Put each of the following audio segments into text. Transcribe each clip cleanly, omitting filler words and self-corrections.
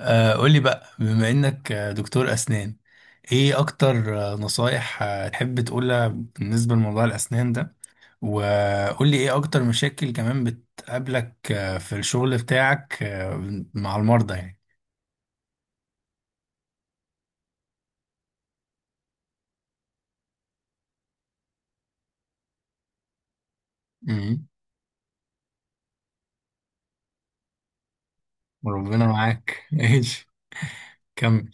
قولي بقى بما انك دكتور اسنان. ايه اكتر نصايح تحب تقولها بالنسبة لموضوع الاسنان ده؟ وقولي ايه اكتر مشاكل كمان بتقابلك في الشغل بتاعك مع المرضى يعني. امم ربنا معاك ايش كمل.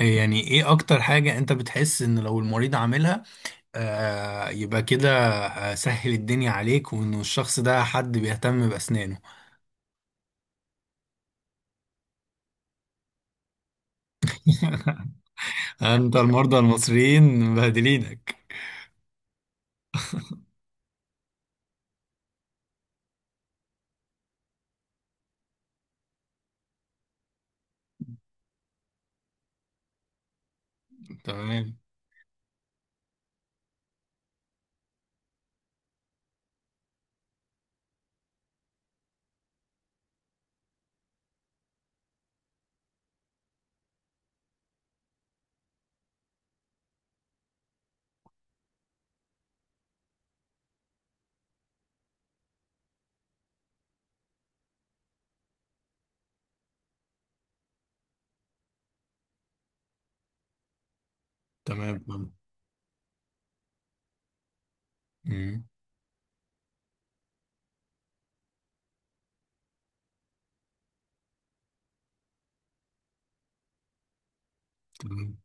إيه يعني ايه اكتر حاجة انت بتحس ان لو المريض عاملها يبقى كده سهل الدنيا عليك وانه الشخص ده حد بيهتم باسنانه. انت المرضى المصريين مبهدلينك. تمام، تمام. مم، تمام.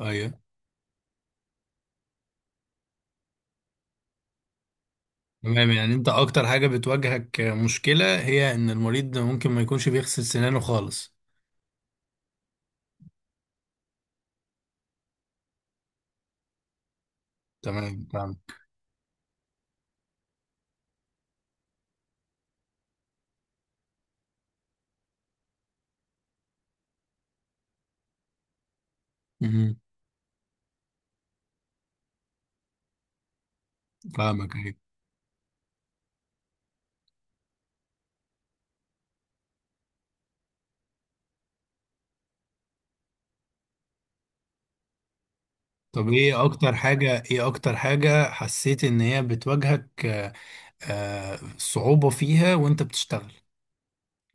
ايوه. تمام، يعني انت اكتر حاجه بتواجهك مشكله هي ان المريض ممكن ما يكونش بيغسل سنانه خالص. تمام، تمام. مم، فاهمك، ايوه. طب ايه اكتر حاجه، ايه اكتر حاجه حسيت ان هي بتواجهك صعوبه فيها وانت بتشتغل،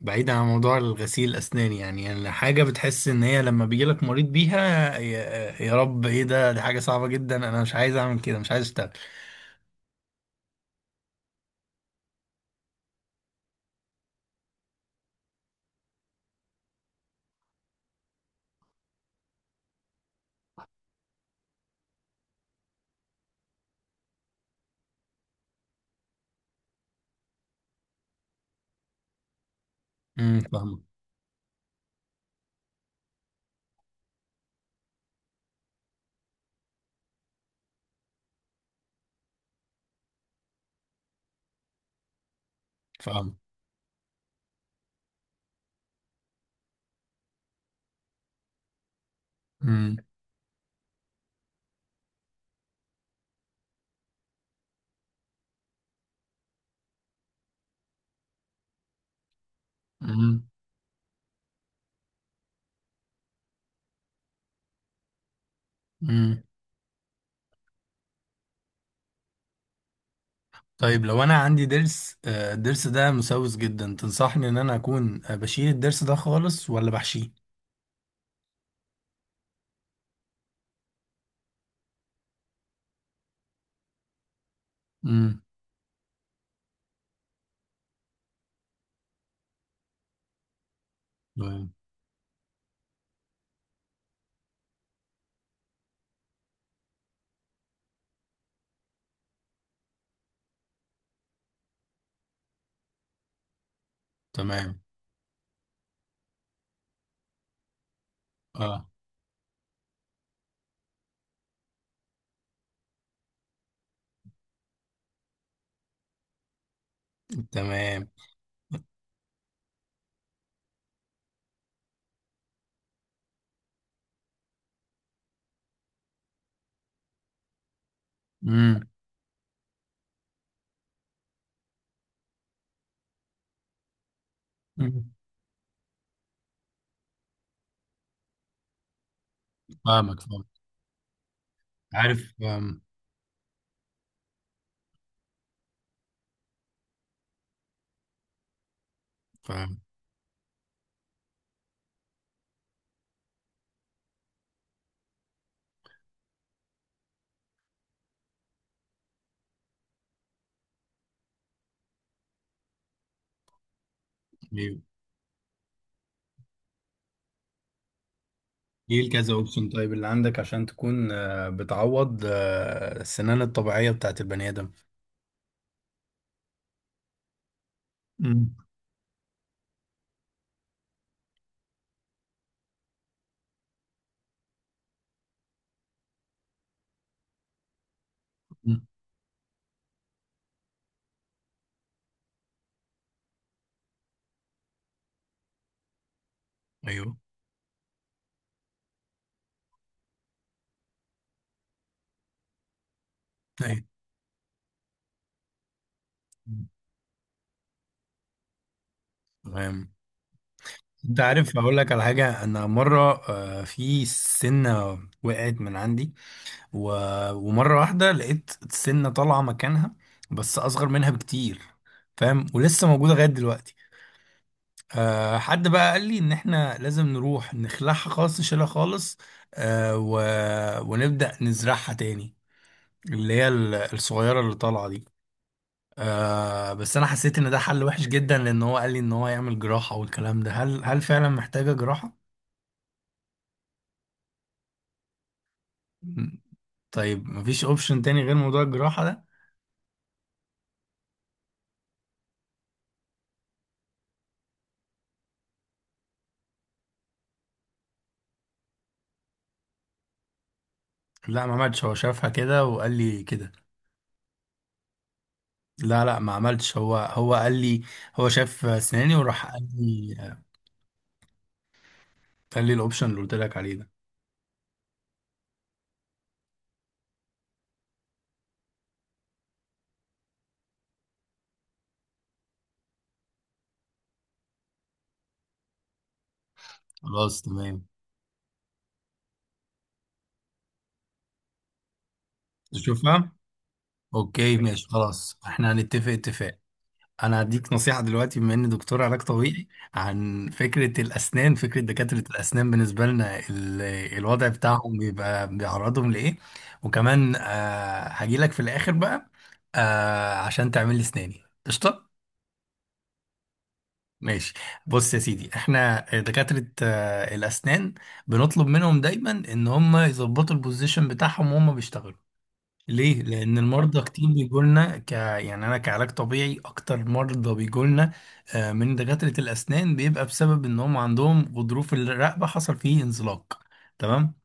بعيدا عن موضوع الغسيل الأسنان، يعني يعني حاجة بتحس إن هي لما بيجيلك مريض بيها يا, يا رب إيه ده، دي حاجة صعبة جدا أنا مش عايز أعمل كده، مش عايز أشتغل. فاهمة. فاهمة امم امم امم طيب لو أنا عندي ضرس الضرس ده مسوس جدا، تنصحني إن أنا أكون بشيل الضرس ده خالص ولا بحشيه؟ امم تمام. تمام. أه. تمام. امم. أمم. فاهمك، فاهمك. عارف، فاهم، فاهم. أيوه. ايه الكذا اوبشن طيب اللي عندك عشان تكون بتعوض السنان الطبيعية بتاعت البني ادم؟ مم. مم. ايوه، ايوه. تمام. انت عارف، هقول لك على حاجة. انا مرة في سنة وقعت من عندي و... ومرة واحدة لقيت السنة طالعة مكانها، بس اصغر منها بكتير، فاهم، ولسه موجودة لغاية دلوقتي. أه، حد بقى قال لي ان احنا لازم نروح نخلعها خالص، نشيلها خالص، أه و... ونبدأ نزرعها تاني، اللي هي الصغيرة اللي طالعة دي. آه بس أنا حسيت إن ده حل وحش جدا لأن هو قال لي إن هو يعمل جراحة والكلام ده. هل فعلا محتاجة جراحة؟ مم. طيب مفيش أوبشن تاني غير موضوع الجراحة ده؟ لا، ما عملتش، هو شافها كده وقال لي كده. لا، لا، ما عملتش، هو قال لي، هو شاف أسناني وراح قال لي، قال لي الأوبشن اللي قلت لك عليه ده. خلاص، تمام. تشوفها؟ أوكي، ماشي، خلاص، إحنا هنتفق اتفاق. انا هديك نصيحه دلوقتي بما اني دكتور علاج طبيعي، عن فكره الاسنان، فكره دكاتره الاسنان بالنسبه لنا. الوضع بتاعهم بيبقى بيعرضهم لايه، وكمان آه هجيلك في الاخر بقى، آه عشان تعمل لي اسناني قشطه. ماشي. بص يا سيدي، احنا دكاتره الاسنان، بنطلب منهم دايما ان هم يظبطوا البوزيشن بتاعهم وهم بيشتغلوا. ليه؟ لأن المرضى كتير بيجولنا، ك يعني أنا كعلاج طبيعي أكتر مرضى بيجولنا من دكاترة الأسنان بيبقى بسبب إن هم عندهم غضروف الرقبة حصل فيه انزلاق، تمام؟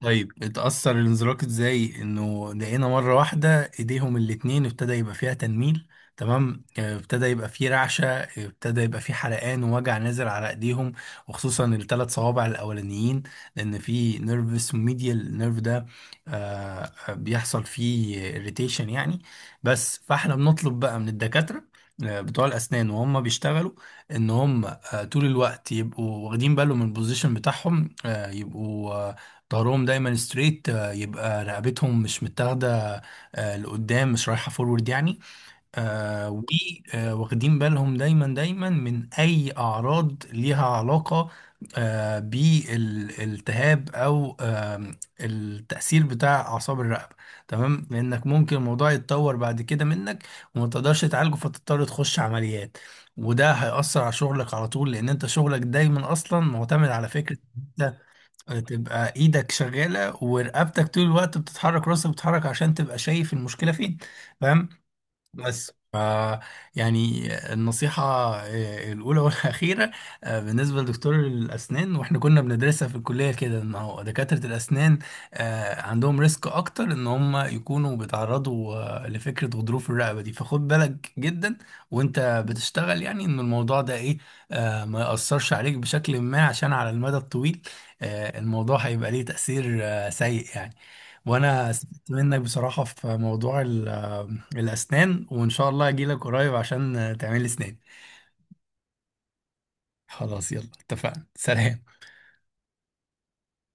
طيب اتأثر الانزلاق ازاي، انه لقينا مرة واحدة ايديهم الاتنين ابتدى يبقى فيها تنميل. تمام، ابتدى يبقى فيه رعشة، ابتدى يبقى فيه حرقان ووجع نازل على ايديهم، وخصوصا الثلاث صوابع الاولانيين، لان في نيرفس، ميديال نيرف ده بيحصل فيه اريتيشن يعني. بس فاحنا بنطلب بقى من الدكاترة بتوع الاسنان وهم بيشتغلوا ان هم طول الوقت يبقوا واخدين بالهم من البوزيشن بتاعهم، يبقوا ظهرهم دايما ستريت، يبقى رقبتهم مش متاخده لقدام، مش رايحه فورورد يعني. ودي واخدين بالهم دايما دايما من اي اعراض ليها علاقه بالالتهاب او التاثير بتاع اعصاب الرقبه. تمام، لانك ممكن الموضوع يتطور بعد كده منك وما تقدرش تعالجه فتضطر تخش عمليات، وده هيأثر على شغلك على طول، لأن أنت شغلك دايما أصلا معتمد على فكرة تبقى ايدك شغالة ورقبتك طول الوقت بتتحرك، راسك بتتحرك عشان تبقى شايف المشكلة فين، فاهم. بس ف يعني النصيحة الأولى والأخيرة بالنسبة لدكتور الأسنان، وإحنا كنا بندرسها في الكلية كده، إن هو دكاترة الأسنان عندهم ريسك أكتر إن هم يكونوا بيتعرضوا لفكرة غضروف الرقبة دي، فخد بالك جدا وإنت بتشتغل، يعني إن الموضوع ده إيه ما يأثرش عليك بشكل ما، عشان على المدى الطويل الموضوع هيبقى ليه تأثير سيء يعني. وأنا استفدت منك بصراحة في موضوع الأسنان، وإن شاء الله أجيلك قريب عشان تعمل لي أسنان. خلاص يلا، اتفقنا، سلام.